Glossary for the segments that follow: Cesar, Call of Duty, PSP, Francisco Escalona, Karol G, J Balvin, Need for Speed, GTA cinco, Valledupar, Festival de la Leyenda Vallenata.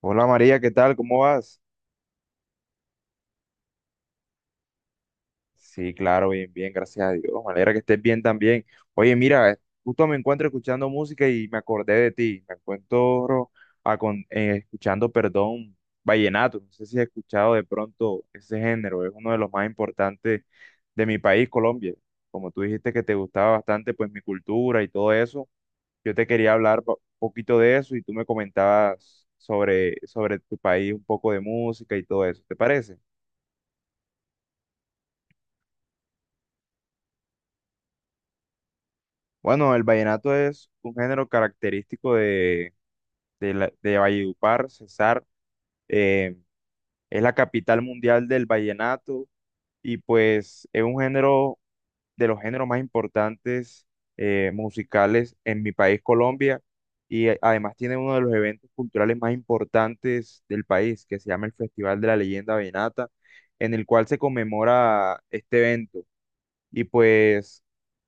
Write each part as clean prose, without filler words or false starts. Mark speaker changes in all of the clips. Speaker 1: Hola María, ¿qué tal? ¿Cómo vas? Sí, claro, bien, bien, gracias a Dios. Me alegra que estés bien también. Oye, mira, justo me encuentro escuchando música y me acordé de ti. Me encuentro escuchando, perdón, vallenato. No sé si has escuchado de pronto ese género. Es uno de los más importantes de mi país, Colombia. Como tú dijiste que te gustaba bastante, pues mi cultura y todo eso. Yo te quería hablar un poquito de eso y tú me comentabas sobre tu país, un poco de música y todo eso. ¿Te parece? Bueno, el vallenato es un género característico de Valledupar, Cesar. eh, es la capital mundial del vallenato y pues es un género de los géneros más importantes musicales en mi país, Colombia, y además tiene uno de los eventos culturales más importantes del país, que se llama el Festival de la Leyenda Vallenata, en el cual se conmemora este evento. Y pues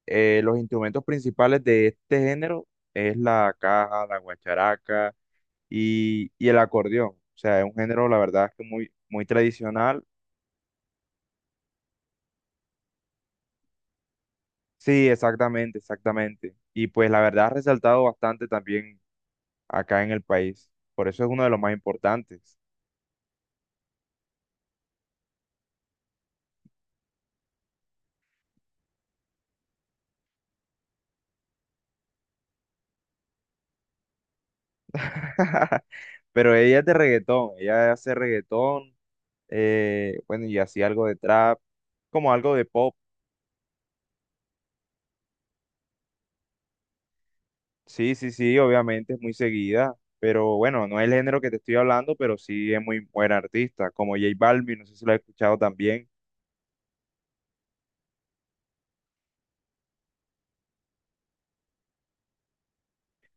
Speaker 1: los instrumentos principales de este género es la caja, la guacharaca y el acordeón. O sea, es un género, la verdad, es que muy, muy tradicional. Sí, exactamente, exactamente. Y pues la verdad ha resaltado bastante también acá en el país. Por eso es uno de los más importantes. Pero ella es de reggaetón, ella hace reggaetón, bueno, y así algo de trap, como algo de pop. Sí, sí, sí, obviamente es muy seguida, pero bueno, no es el género que te estoy hablando, pero sí es muy buen artista, como J Balvin, no sé si lo has escuchado también.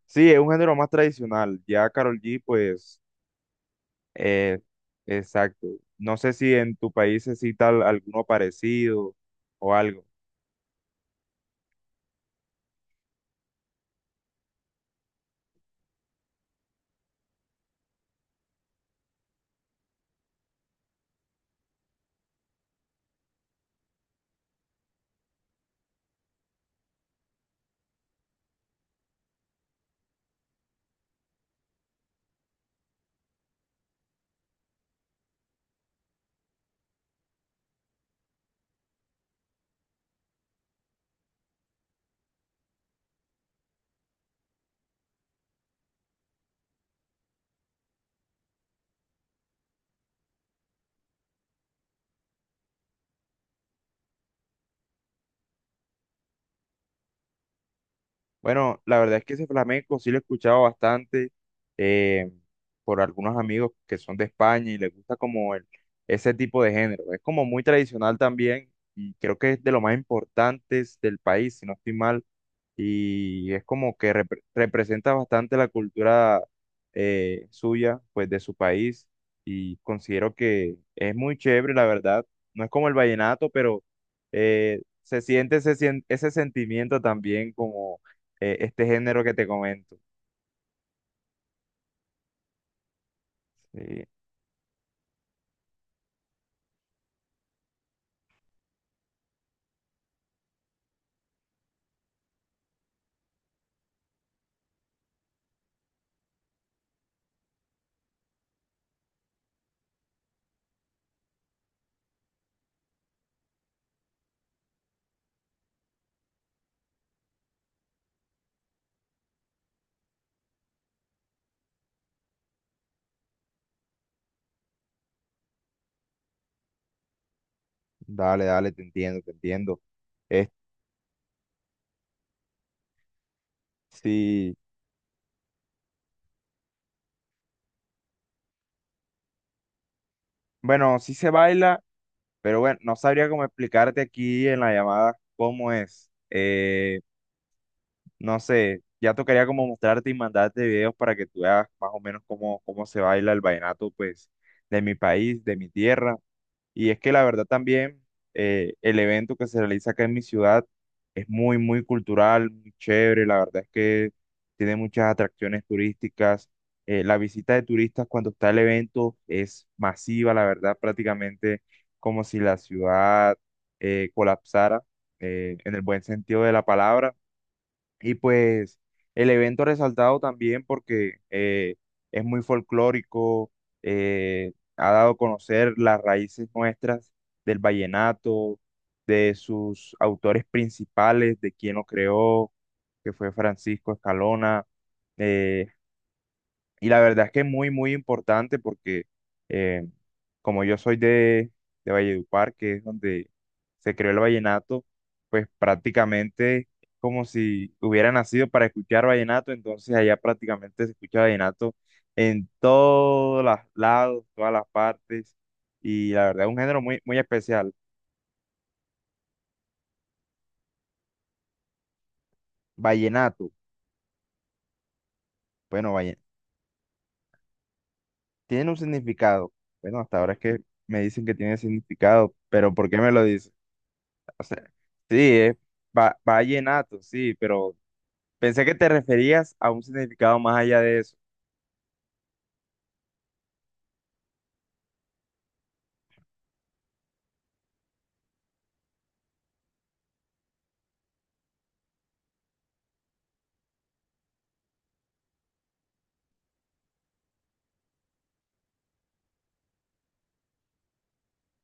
Speaker 1: Sí, es un género más tradicional, ya Karol G, pues, eh, exacto. No sé si en tu país se cita alguno parecido o algo. Bueno, la verdad es que ese flamenco sí lo he escuchado bastante eh, por algunos amigos que son de España y les gusta como ese tipo de género. Es como muy tradicional también y creo que es de lo más importantes del país, si no estoy mal y es como que representa bastante la cultura suya, pues de su país, y considero que es muy chévere, la verdad. No es como el vallenato, pero se siente ese sentimiento también como este género que te comento. Sí, dale, dale, te entiendo, te entiendo. Es, sí, bueno, sí se baila, pero bueno, no sabría cómo explicarte aquí en la llamada cómo es. No sé, ya tocaría como mostrarte y mandarte videos para que tú veas más o menos cómo se baila el vallenato, pues, de mi país, de mi tierra. Y es que la verdad también, el evento que se realiza acá en mi ciudad es muy, muy cultural, muy chévere. La verdad es que tiene muchas atracciones turísticas. La visita de turistas cuando está el evento es masiva, la verdad, prácticamente como si la ciudad colapsara, en el buen sentido de la palabra y pues el evento resaltado también porque es muy folclórico, ha dado a conocer las raíces nuestras del vallenato, de sus autores principales, de quien lo creó, que fue Francisco Escalona, eh, y la verdad es que es muy, muy importante porque eh, como yo soy de Valledupar, que es donde se creó el vallenato, pues prácticamente es como si hubiera nacido para escuchar vallenato, entonces allá prácticamente se escucha vallenato en todos los lados, todas las partes, y la verdad es un género muy, muy especial. Vallenato, bueno, tiene un significado, bueno, hasta ahora es que me dicen que tiene significado, pero ¿por qué me lo dicen? O sea, sí, es vallenato, sí, pero pensé que te referías a un significado más allá de eso.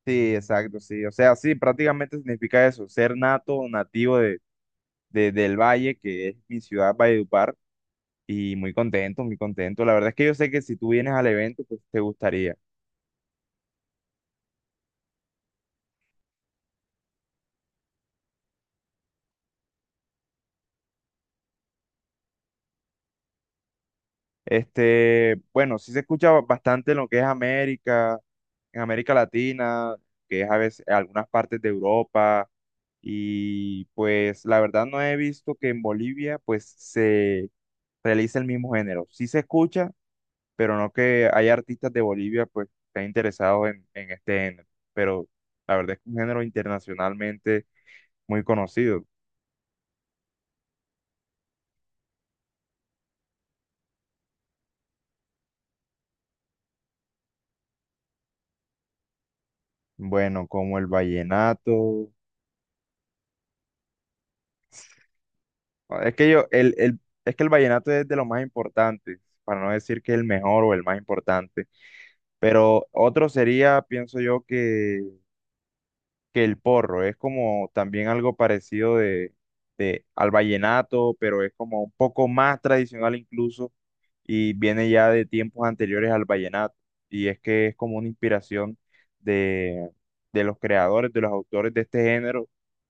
Speaker 1: Sí, exacto, sí. O sea, sí, prácticamente significa eso, ser nato o nativo del Valle, que es mi ciudad, Valledupar, y muy contento, muy contento. La verdad es que yo sé que si tú vienes al evento, pues te gustaría. Este, bueno, sí se escucha bastante en lo que es América, en América Latina, que es a veces algunas partes de Europa. Y pues la verdad no he visto que en Bolivia pues se realice el mismo género. Sí se escucha, pero no que hay artistas de Bolivia pues estén interesados en este género. Pero la verdad es que es un género internacionalmente muy conocido. Bueno, como el vallenato. Ah, es que yo, es que el vallenato es de lo más importante, para no decir que es el mejor o el más importante. Pero otro sería, pienso yo, que el porro. Es como también algo parecido al vallenato, pero es como un poco más tradicional incluso y viene ya de tiempos anteriores al vallenato. Y es que es como una inspiración de, de los creadores, de los autores de este género,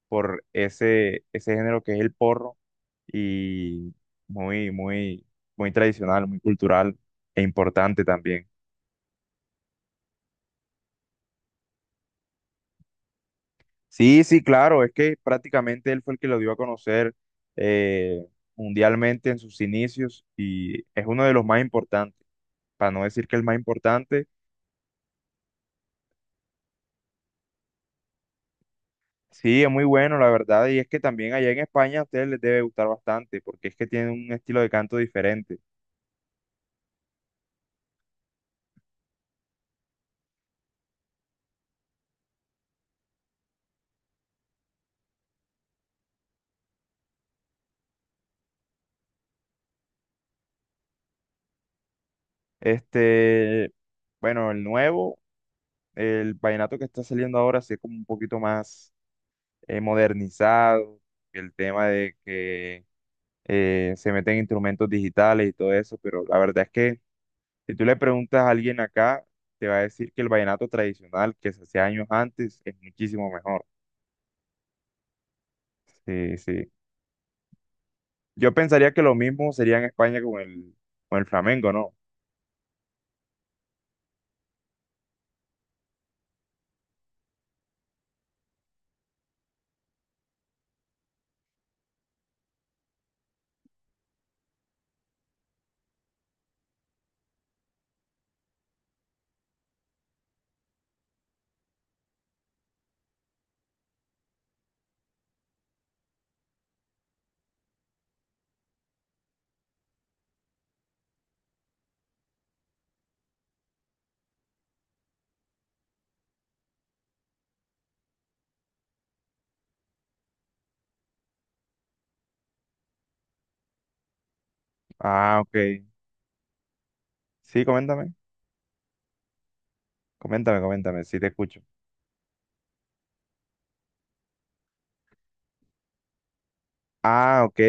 Speaker 1: por ese género que es el porro y muy, muy, muy tradicional, muy cultural e importante también. Sí, sí, claro, es que prácticamente él fue el que lo dio a conocer eh, mundialmente en sus inicios y es uno de los más importantes, para no decir que el más importante. Sí, es muy bueno, la verdad, y es que también allá en España a ustedes les debe gustar bastante, porque es que tienen un estilo de canto diferente. Este, bueno, el nuevo, el vallenato que está saliendo ahora, sí es como un poquito más modernizado, el tema de que se meten instrumentos digitales y todo eso, pero la verdad es que si tú le preguntas a alguien acá, te va a decir que el vallenato tradicional que se hacía años antes es muchísimo mejor. Sí, sí. Yo pensaría que lo mismo sería en España con con el flamenco, ¿no? Ah, ok. Sí, coméntame, coméntame, coméntame, sí te escucho. Ah, ok.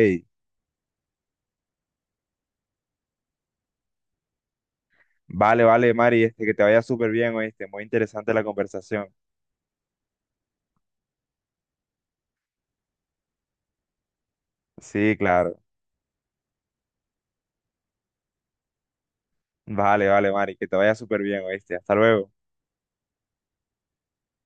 Speaker 1: Vale, vale, Mari, este, que te vaya súper bien, oíste. Muy interesante la conversación. Sí, claro. Vale, vale, Mari, que te vaya súper bien, oíste. Hasta luego.